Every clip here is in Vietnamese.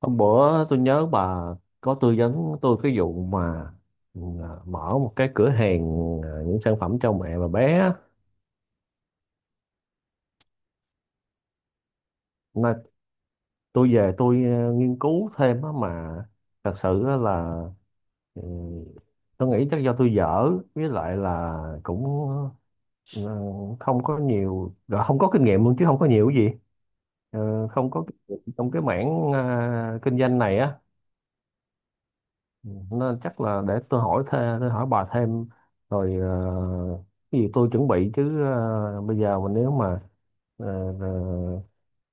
Hôm bữa tôi nhớ bà có tư vấn tôi cái vụ mà mở một cái cửa hàng, những sản phẩm cho mẹ và bé á. Mà tôi về nghiên cứu thêm á, mà thật sự á là, ừ, tôi nghĩ chắc do tôi dở, với lại là cũng ờ, không có nhiều, gọi không có kinh nghiệm luôn, chứ không có nhiều cái gì. Không có kinh nghiệm trong cái mảng kinh doanh này á. Ừ, nên chắc là để tôi hỏi thêm, tôi hỏi bà thêm. Rồi cái gì tôi chuẩn bị, chứ bây giờ mà nếu mà ờ,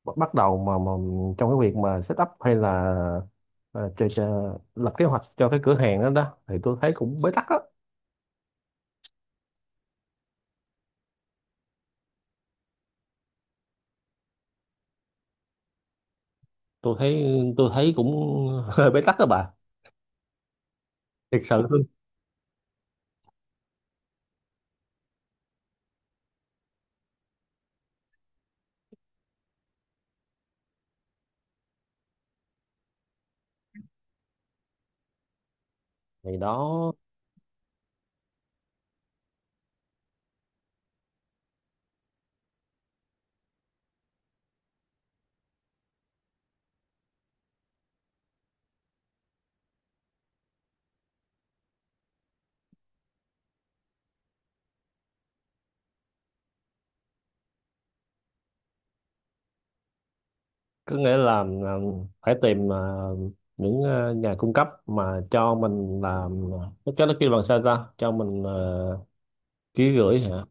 ờ, bắt đầu mà trong cái việc mà set up, hay là ờ, cho, cho, lập kế hoạch cho cái cửa hàng đó đó, thì tôi thấy cũng bế tắc á. Tôi thấy tôi thấy cũng hơi bế tắc đó bà, thiệt sự luôn. Thì đó, có nghĩa là phải tìm những nhà cung cấp mà cho mình làm, nó cho nó kêu bằng sao ta, cho mình ký gửi hả?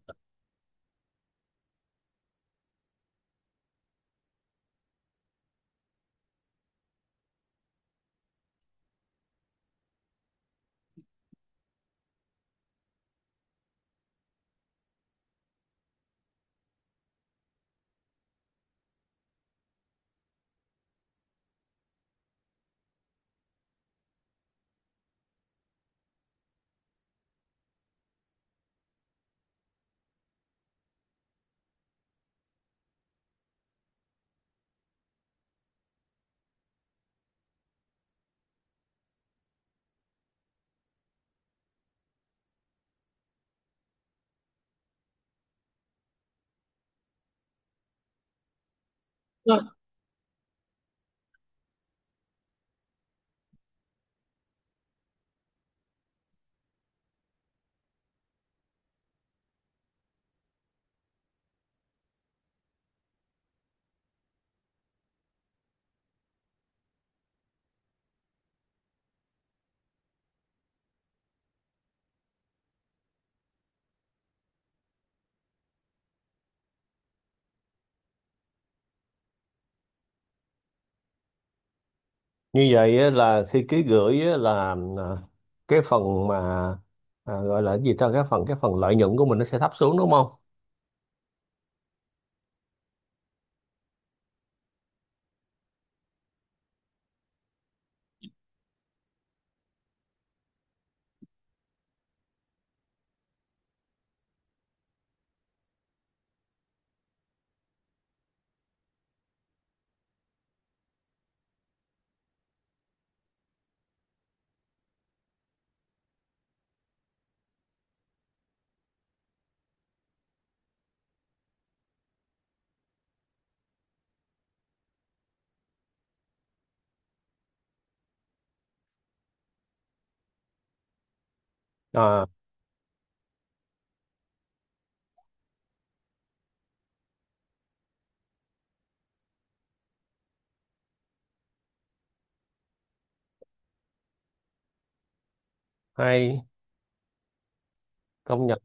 Vâng. Như vậy á, là khi ký gửi á, là cái phần mà, à, gọi là cái gì ta, cái phần lợi nhuận của mình nó sẽ thấp xuống đúng không? À, hay, công nhận.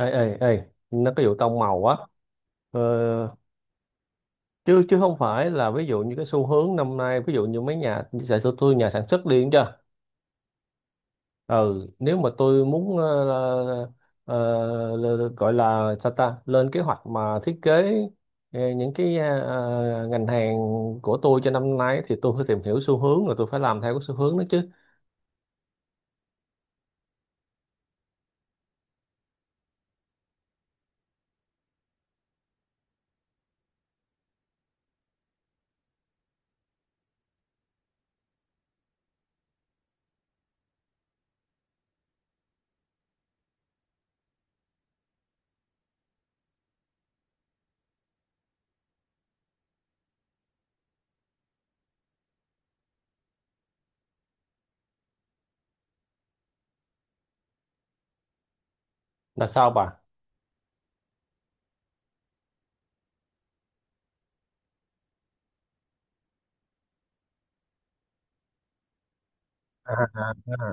Ê, ê, ê, nó có vụ tông màu á? ờ, Chứ chứ không phải là ví dụ như cái xu hướng năm nay, ví dụ như mấy nhà sản xuất, tôi nhà sản xuất đi chưa. Ừ, nếu mà tôi muốn ờ, gọi là sao ta, lên kế hoạch mà thiết kế những cái ngành hàng của tôi cho năm nay, thì tôi phải tìm hiểu xu hướng, rồi tôi phải làm theo cái xu hướng đó chứ. Là sao bà? À, à, à.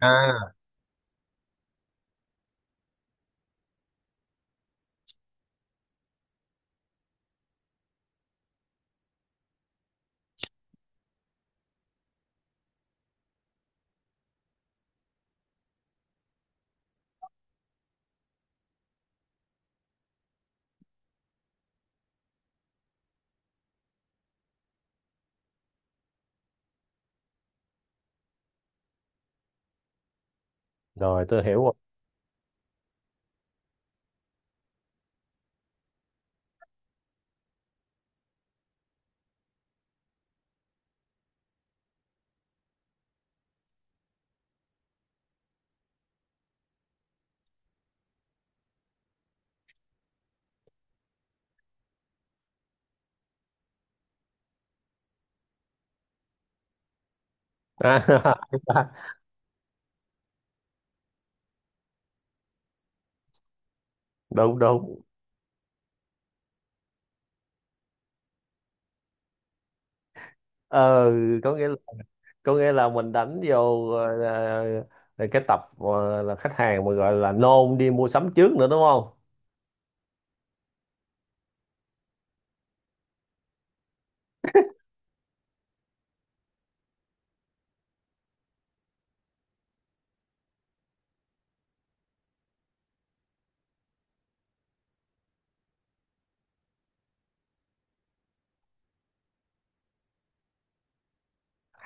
À, rồi tôi hiểu rồi. À, đúng đúng. Ờ, có nghĩa là, có nghĩa là mình đánh vô cái tập là khách hàng mà gọi là nôn đi mua sắm trước nữa đúng không?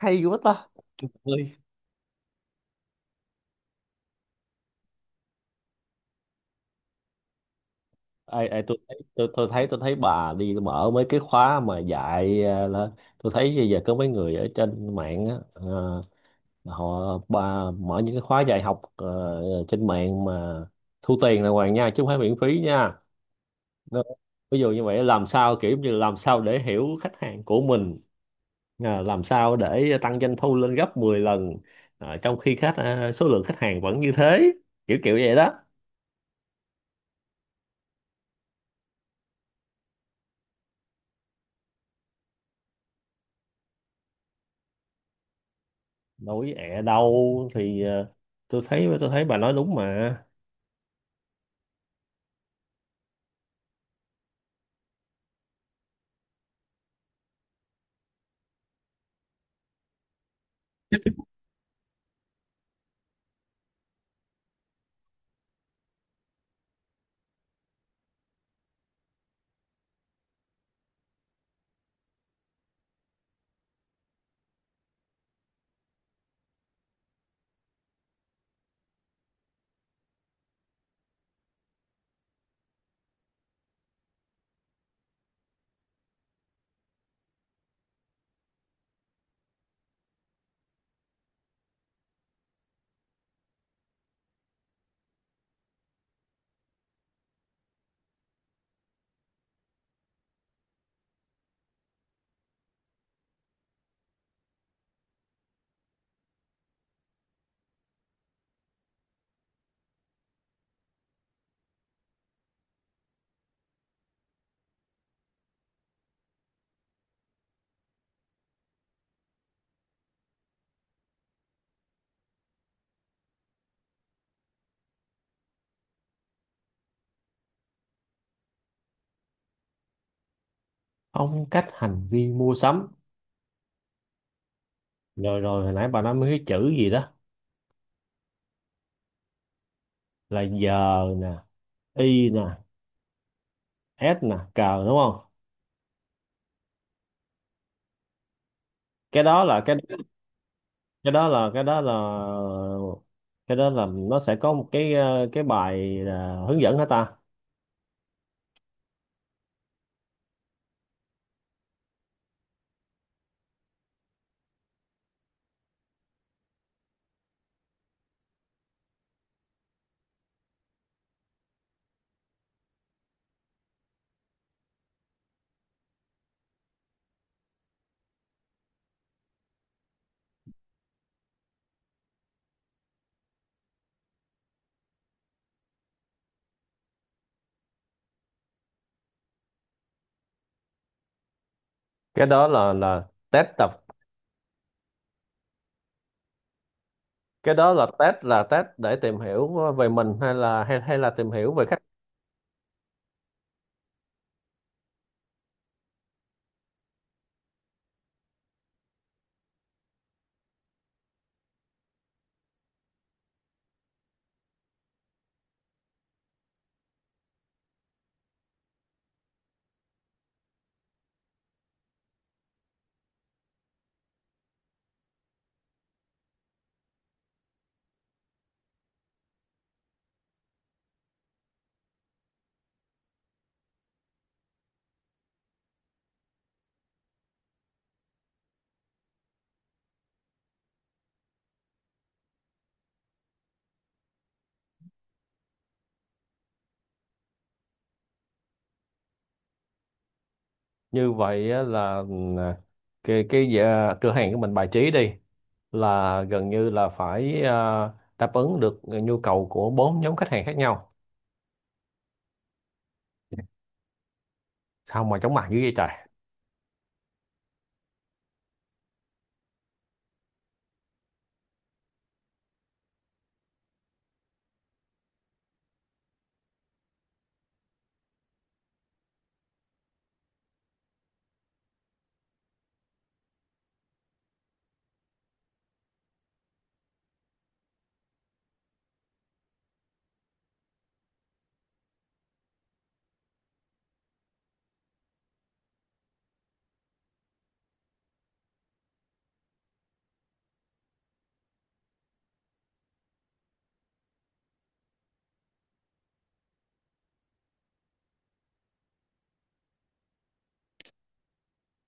Hay quá ta. Ai ai, tôi thấy bà đi mở mấy cái khóa mà dạy là, tôi thấy bây giờ có mấy người ở trên mạng á, ờ, họ bà mở những cái khóa dạy học trên mạng mà thu tiền đàng hoàng nha, chứ không phải miễn phí nha. Nó- ví dụ như vậy, làm sao, kiểu như làm sao để hiểu khách hàng của mình, à, làm sao để tăng doanh thu lên gấp 10 lần, à, trong khi khách, à, số lượng khách hàng vẫn như thế, kiểu kiểu vậy đó. Nói ẻ đâu, thì tôi thấy, tôi thấy bà nói đúng mà. Phong cách hành vi mua sắm. Rồi rồi, hồi nãy bà nói mấy cái chữ gì đó, là giờ nè, y nè, s nè, cờ, đúng không? Cái đó là cái cái đó là cái đó là, cái đó là nó sẽ có một cái cái bài là hướng dẫn hả ta? Cái đó là test tập, cái đó là test, là test để tìm hiểu về mình, hay là, hay hay là tìm hiểu về khách? Như vậy á là, ừ, cái à, cửa hàng của mình bài trí đi là gần như là phải, à, đáp ứng được nhu cầu của bốn nhóm khách hàng khác nhau. Sao mà chóng mặt dữ vậy trời.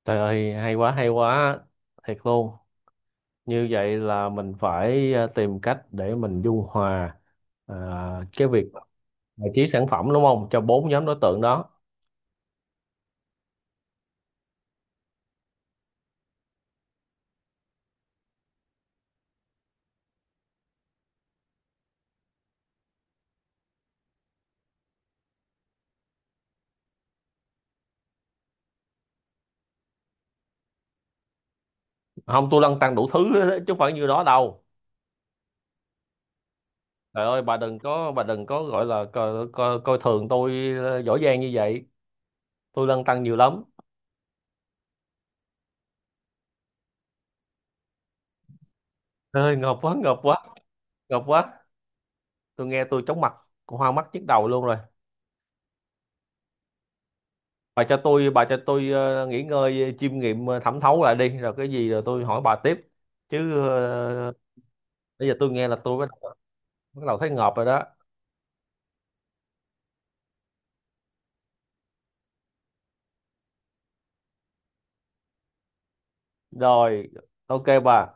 Trời ơi, hay quá, hay quá, thiệt luôn. Như vậy là mình phải, à, tìm cách để mình dung hòa, à, cái việc bài trí sản phẩm đúng không, cho bốn nhóm đối tượng đó. Không, tôi lăn tăn đủ thứ hết á, chứ không phải như đó đâu. Trời ơi, bà đừng có gọi là coi thường tôi giỏi giang như vậy. Tôi lăn tăn nhiều lắm. Trời ơi ngợp quá, ngợp quá, ngợp quá. Tôi nghe tôi chóng mặt, hoa mắt nhức đầu luôn rồi. Bà cho tôi nghỉ ngơi chiêm nghiệm, thẩm thấu lại đi, rồi cái gì rồi tôi hỏi bà tiếp. Chứ bây giờ tôi nghe là tôi bắt đầu thấy ngợp rồi đó. Rồi, ok bà.